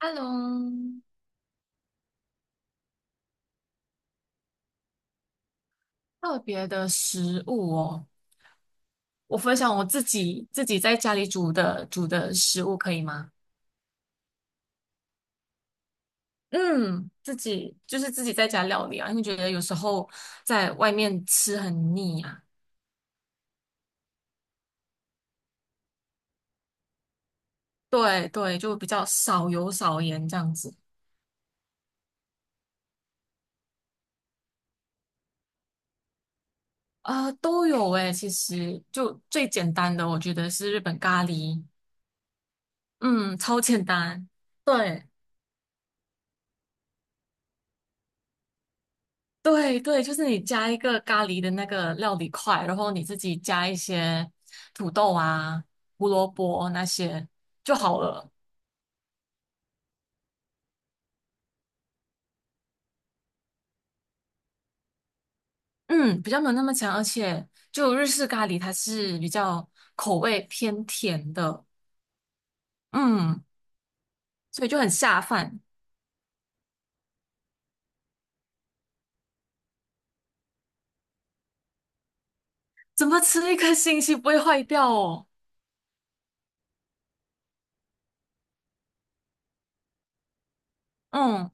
Hello，特别的食物哦，我分享我自己在家里煮的食物可以吗？嗯，自己就是自己在家料理啊，因为觉得有时候在外面吃很腻啊。对对，就比较少油少盐这样子。啊，都有诶，其实就最简单的，我觉得是日本咖喱，嗯，超简单。对。对对，就是你加一个咖喱的那个料理块，然后你自己加一些土豆啊、胡萝卜那些就好了。嗯，比较没有那么强，而且就日式咖喱它是比较口味偏甜的，嗯，所以就很下饭。怎么吃一个星期不会坏掉哦？嗯，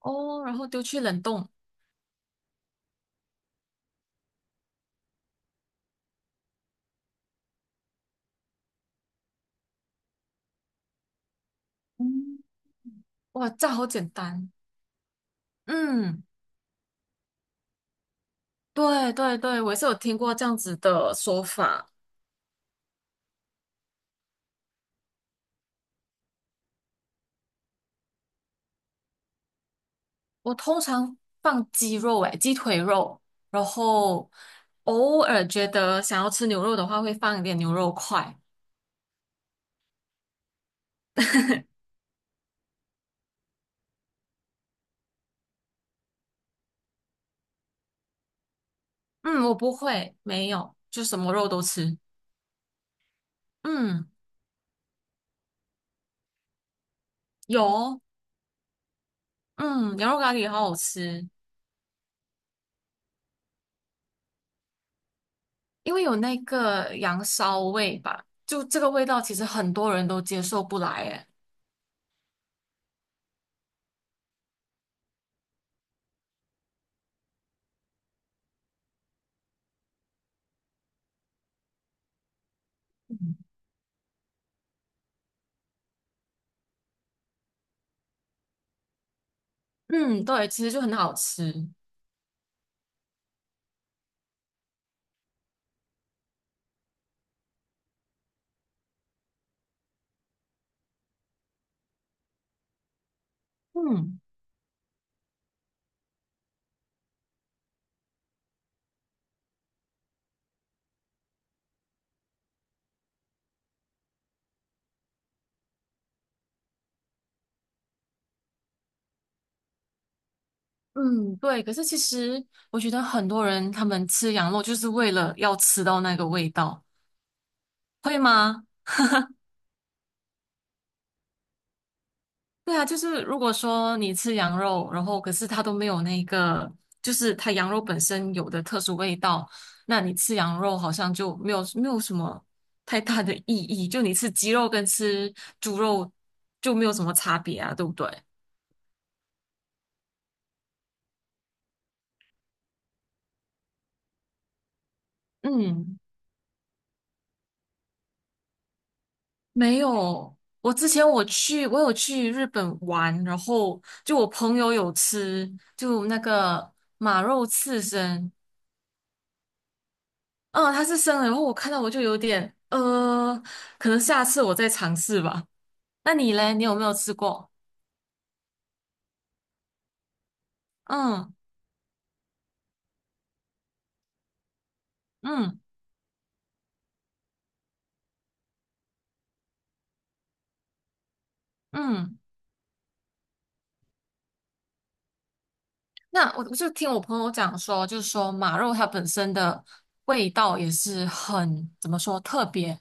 哦，然后丢去冷冻。嗯，哇，这样好简单。嗯，对对对，我也是有听过这样子的说法。我通常放鸡肉，诶，鸡腿肉，然后偶尔觉得想要吃牛肉的话，会放一点牛肉块。嗯，我不会，没有，就什么肉都吃。嗯，有哦嗯，羊肉咖喱好好吃，因为有那个羊骚味吧，就这个味道其实很多人都接受不来，诶。嗯，嗯对，其实就很好吃。嗯嗯，对。可是其实我觉得很多人他们吃羊肉就是为了要吃到那个味道。会吗？对啊，就是如果说你吃羊肉，然后可是它都没有那个，就是它羊肉本身有的特殊味道，那你吃羊肉好像就没有什么太大的意义，就你吃鸡肉跟吃猪肉就没有什么差别啊，对不对？嗯，没有。我之前我去，我有去日本玩，然后就我朋友有吃，就那个马肉刺身，嗯，它是生的，然后我看到我就有点，可能下次我再尝试吧。那你嘞，你有没有吃过？嗯嗯嗯，那我就听我朋友讲说，就是说马肉它本身的味道也是很，怎么说，特别。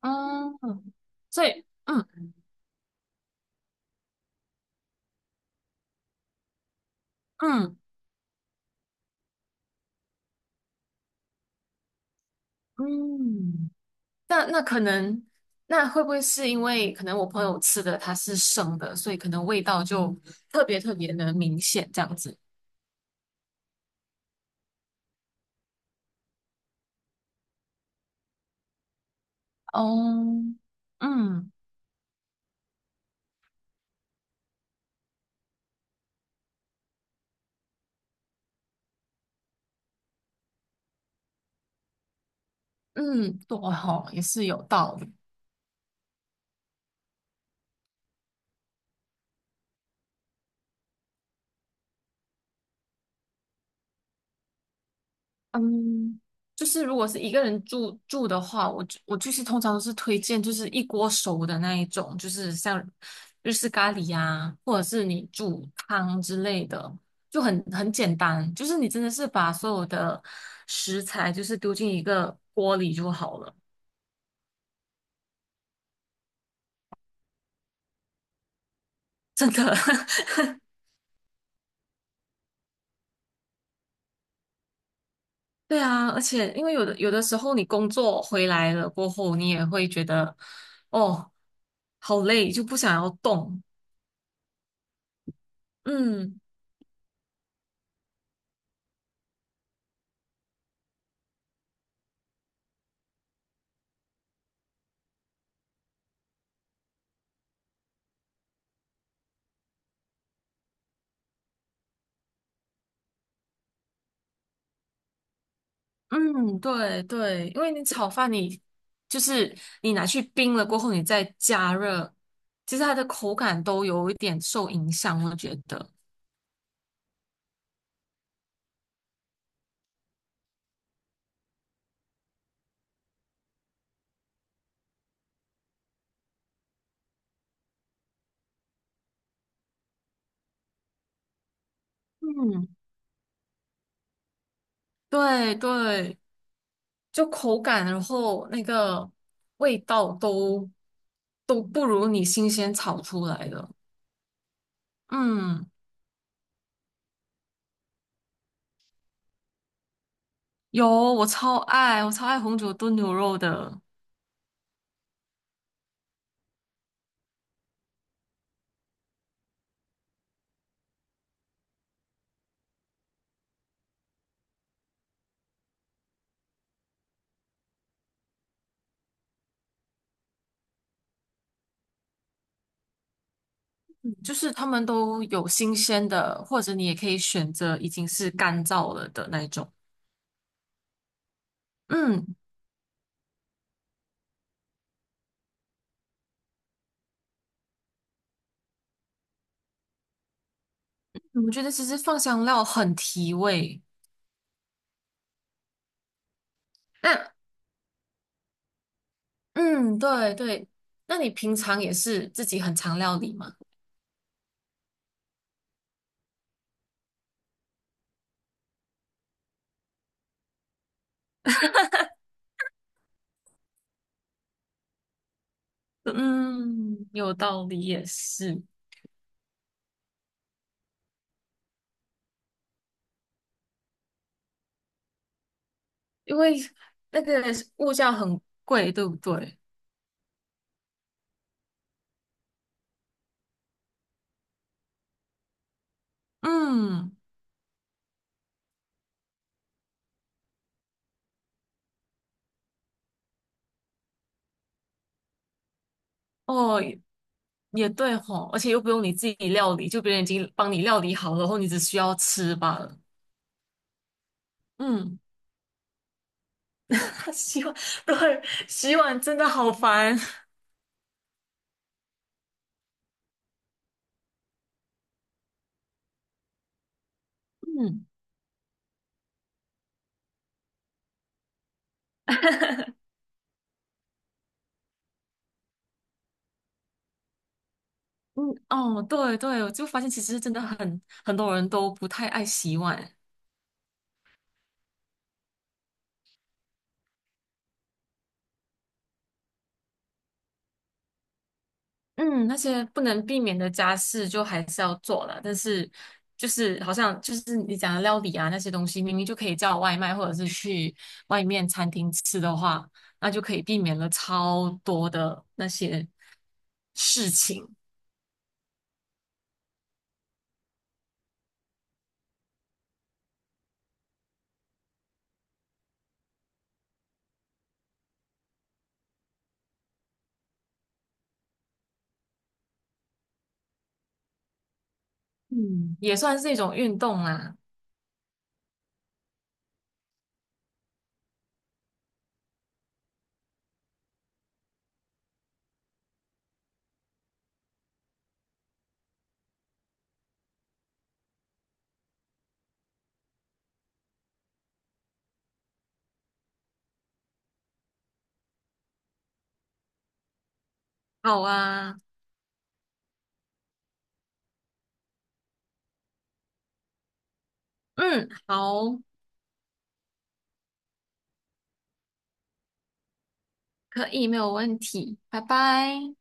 嗯，所以嗯嗯嗯，那可能，那会不会是因为可能我朋友吃的它是生的，所以可能味道就特别特别的明显这样子？哦，嗯。嗯，对吼，也是有道理。嗯，就是如果是一个人住的话，我是通常都是推荐就是一锅熟的那一种，就是像日式咖喱呀、或者是你煮汤之类的，就很简单。就是你真的是把所有的食材就是丢进一个锅里就好了，真的。对啊，而且因为有的时候你工作回来了过后，你也会觉得哦，好累，就不想要动。嗯嗯，对对，因为你炒饭你就是你拿去冰了过后，你再加热，其实它的口感都有一点受影响，我觉得。嗯，对对，就口感，然后那个味道都不如你新鲜炒出来的。嗯。有，我超爱，我超爱红酒炖牛肉的，就是他们都有新鲜的，或者你也可以选择已经是干燥了的那一种。嗯，我觉得其实放香料很提味。那，嗯，对对，那你平常也是自己很常料理吗？嗯，有道理，也是，因为那个物价很贵，对不对？嗯，哦，也对吼，而且又不用你自己料理，就别人已经帮你料理好了，然后你只需要吃罢了。嗯，洗碗，对，洗碗真的好烦。嗯嗯，哦，对对，我就发现其实真的很多人都不太爱洗碗。嗯，那些不能避免的家事就还是要做了，但是就是好像就是你讲的料理啊那些东西，明明就可以叫外卖或者是去外面餐厅吃的话，那就可以避免了超多的那些。事情，嗯，也算是一种运动啦。好啊，嗯，好，可以，没有问题，拜拜。